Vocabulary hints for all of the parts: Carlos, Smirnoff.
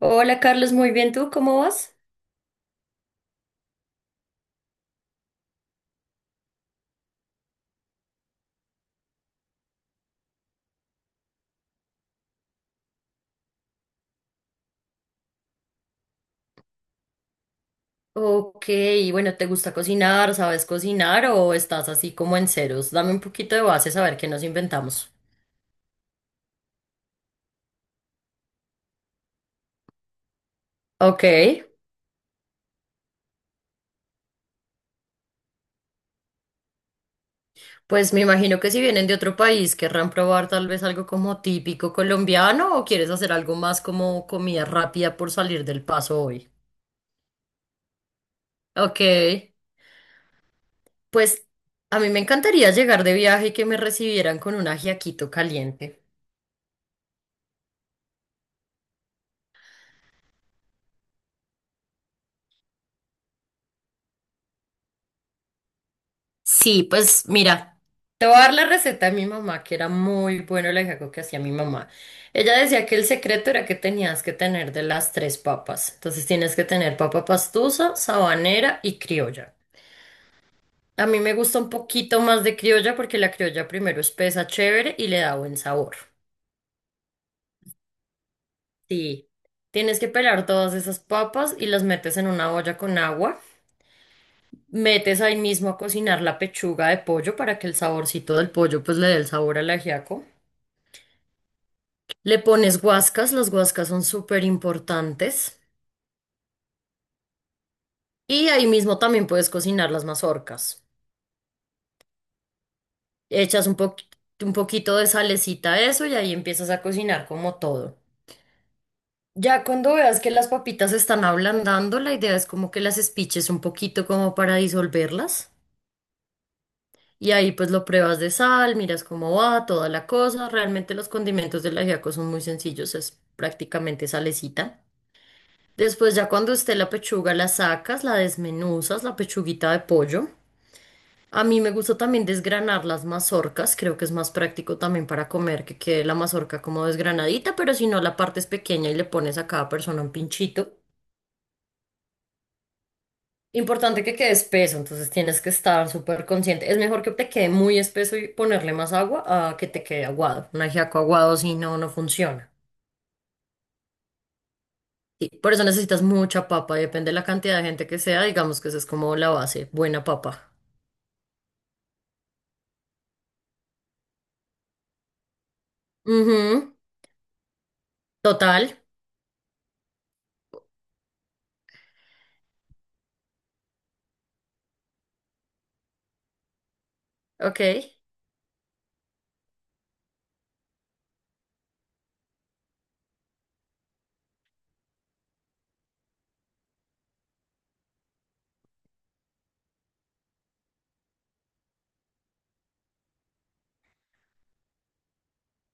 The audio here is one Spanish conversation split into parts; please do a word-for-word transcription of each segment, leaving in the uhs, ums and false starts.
Hola Carlos, muy bien, ¿tú cómo vas? Ok, bueno, ¿te gusta cocinar? ¿Sabes cocinar o estás así como en ceros? Dame un poquito de base a ver qué nos inventamos. Ok, pues me imagino que si vienen de otro país querrán probar tal vez algo como típico colombiano o quieres hacer algo más como comida rápida por salir del paso hoy. Ok, pues a mí me encantaría llegar de viaje y que me recibieran con un ajiaquito caliente. Sí, pues mira, te voy a dar la receta de mi mamá, que era muy bueno el ajiaco que hacía mi mamá. Ella decía que el secreto era que tenías que tener de las tres papas. Entonces tienes que tener papa pastusa, sabanera y criolla. A mí me gusta un poquito más de criolla porque la criolla primero espesa chévere y le da buen sabor. Sí, tienes que pelar todas esas papas y las metes en una olla con agua. Metes ahí mismo a cocinar la pechuga de pollo para que el saborcito del pollo pues le dé el sabor al ajiaco. Le pones guascas, las guascas son súper importantes. Y ahí mismo también puedes cocinar las mazorcas. Echas un poqui- un poquito de salecita a eso y ahí empiezas a cocinar como todo. Ya cuando veas que las papitas se están ablandando, la idea es como que las espiches un poquito como para disolverlas. Y ahí pues lo pruebas de sal, miras cómo va, toda la cosa. Realmente los condimentos del ajiaco son muy sencillos, es prácticamente salecita. Después ya cuando esté la pechuga la sacas, la desmenuzas, la pechuguita de pollo. A mí me gusta también desgranar las mazorcas, creo que es más práctico también para comer que quede la mazorca como desgranadita, pero si no la partes pequeña y le pones a cada persona un pinchito. Importante que quede espeso, entonces tienes que estar súper consciente. Es mejor que te quede muy espeso y ponerle más agua a que te quede aguado. Un ajiaco aguado si no, no funciona. Sí, por eso necesitas mucha papa, y depende de la cantidad de gente que sea, digamos que esa es como la base, buena papa. Ujú, total, ok.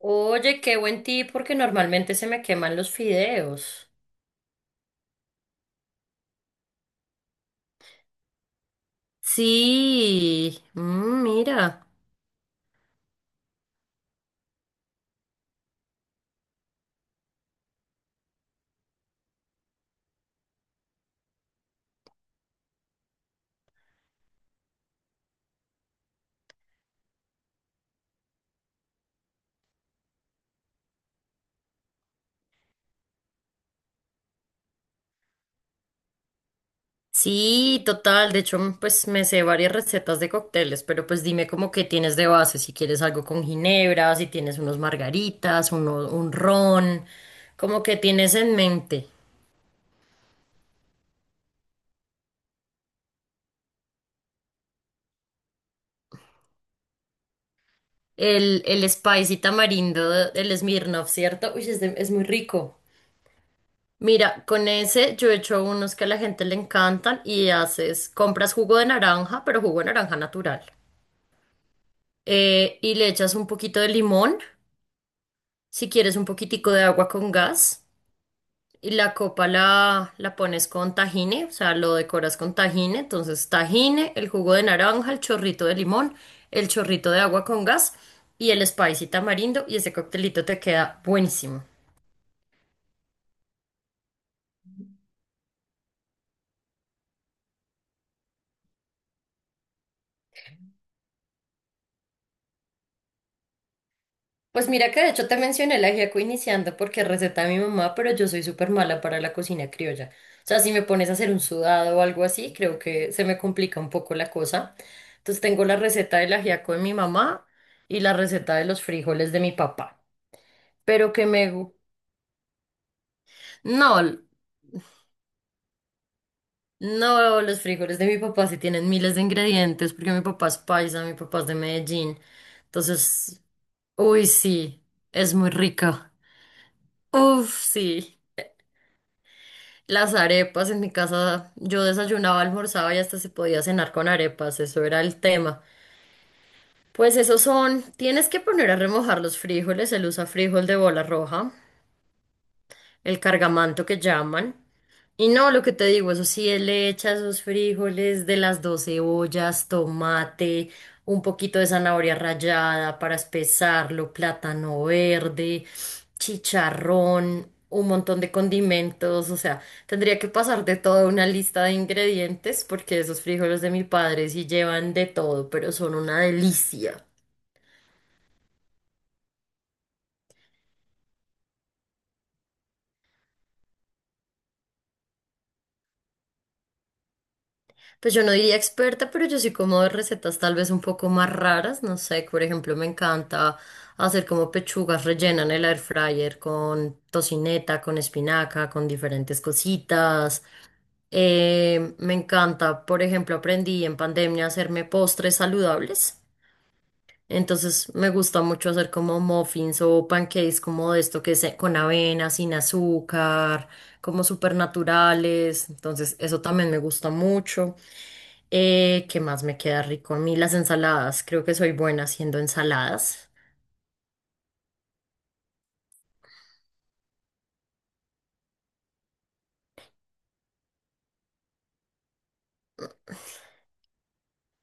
Oye, qué buen tip, porque normalmente se me queman los fideos. Sí, mm, mira. Sí, total. De hecho, mm, pues me sé varias recetas de cócteles, pero pues dime como que tienes de base, si quieres algo con ginebra, si tienes unos margaritas, uno, un ron, como que tienes en mente. El, el spicy tamarindo, el Smirnoff, ¿cierto? Uy, es, de- es muy rico. Mira, con ese yo he hecho unos que a la gente le encantan y haces, compras jugo de naranja, pero jugo de naranja natural. Eh, y le echas un poquito de limón, si quieres un poquitico de agua con gas. Y la copa la, la pones con tajine, o sea, lo decoras con tajine. Entonces, tajine, el jugo de naranja, el chorrito de limón, el chorrito de agua con gas y el spicy tamarindo. Y ese coctelito te queda buenísimo. Pues mira que de hecho te mencioné el ajiaco iniciando porque es receta de mi mamá, pero yo soy súper mala para la cocina criolla. O sea, si me pones a hacer un sudado o algo así, creo que se me complica un poco la cosa. Entonces tengo la receta del ajiaco de mi mamá y la receta de los frijoles de mi papá. Pero que me... gu- No, l- no, los frijoles de mi papá sí tienen miles de ingredientes porque mi papá es paisa, mi papá es de Medellín. Entonces, uy, sí, es muy rica. Uf, sí. Las arepas en mi casa, yo desayunaba, almorzaba y hasta se podía cenar con arepas, eso era el tema. Pues esos son, tienes que poner a remojar los frijoles, el usa frijol de bola roja, el cargamanto que llaman. Y no, lo que te digo, eso sí, él le echa esos frijoles de las dos cebollas, tomate, un poquito de zanahoria rallada para espesarlo, plátano verde, chicharrón, un montón de condimentos, o sea, tendría que pasar de toda una lista de ingredientes porque esos frijoles de mi padre sí llevan de todo, pero son una delicia. Pues yo no diría experta, pero yo sí como de recetas tal vez un poco más raras, no sé, por ejemplo, me encanta hacer como pechugas rellenas en el air fryer con tocineta, con espinaca, con diferentes cositas. Eh, me encanta, por ejemplo, aprendí en pandemia a hacerme postres saludables. Entonces me gusta mucho hacer como muffins o pancakes como de esto que es eh, con avena, sin azúcar, como súper naturales. Entonces eso también me gusta mucho. Eh, ¿qué más me queda rico a mí? Las ensaladas. Creo que soy buena haciendo ensaladas.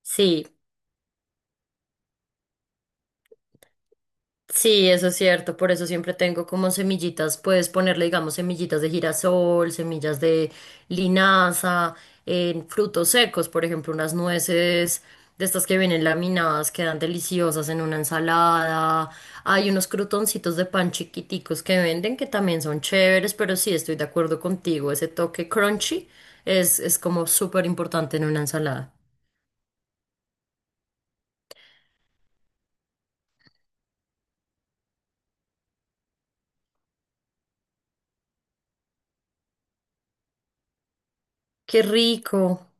Sí. Sí, eso es cierto, por eso siempre tengo como semillitas, puedes ponerle, digamos, semillitas de girasol, semillas de linaza, en frutos secos, por ejemplo, unas nueces de estas que vienen laminadas, quedan deliciosas en una ensalada. Hay unos crutoncitos de pan chiquiticos que venden que también son chéveres, pero sí, estoy de acuerdo contigo, ese toque crunchy es, es como súper importante en una ensalada. Qué rico,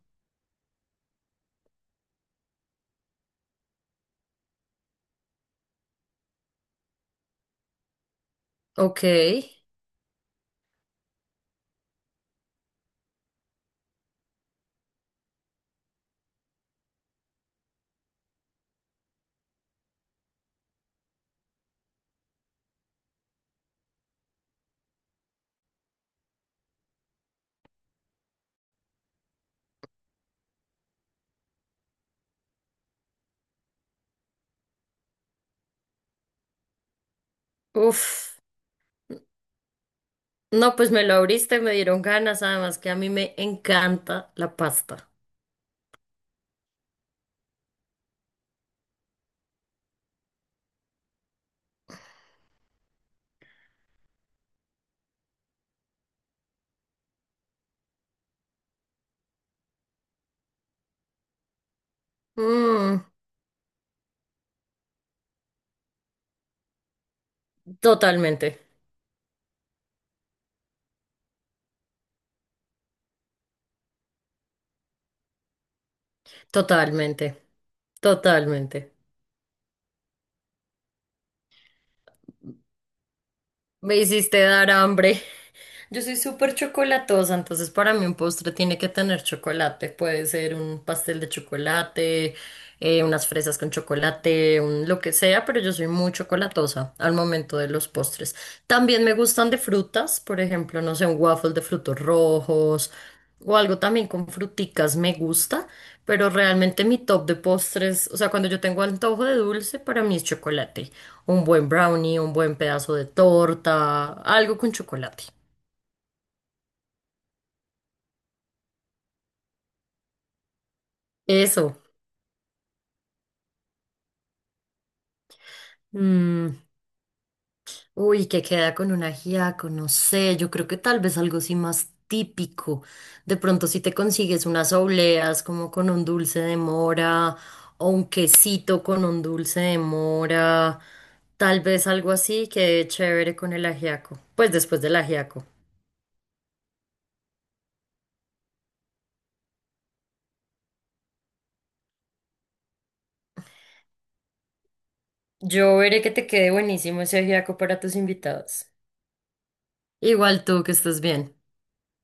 ok, uf. No, pues me lo abriste, me dieron ganas, además que a mí me encanta la pasta. Mm, totalmente, totalmente, totalmente. Me hiciste dar hambre. Yo soy súper chocolatosa, entonces para mí un postre tiene que tener chocolate. Puede ser un pastel de chocolate, eh, unas fresas con chocolate, un lo que sea, pero yo soy muy chocolatosa al momento de los postres. También me gustan de frutas, por ejemplo, no sé, un waffle de frutos rojos o algo también con fruticas me gusta, pero realmente mi top de postres, o sea, cuando yo tengo antojo de dulce, para mí es chocolate, un buen brownie, un buen pedazo de torta, algo con chocolate. Eso. Mm, uy, que queda con un ajiaco, no sé, yo creo que tal vez algo así más típico. De pronto si te consigues unas obleas como con un dulce de mora o un quesito con un dulce de mora, tal vez algo así quede chévere con el ajiaco. Pues después del ajiaco. Yo veré que te quede buenísimo ese ajiaco para tus invitados. Igual tú, que estés bien.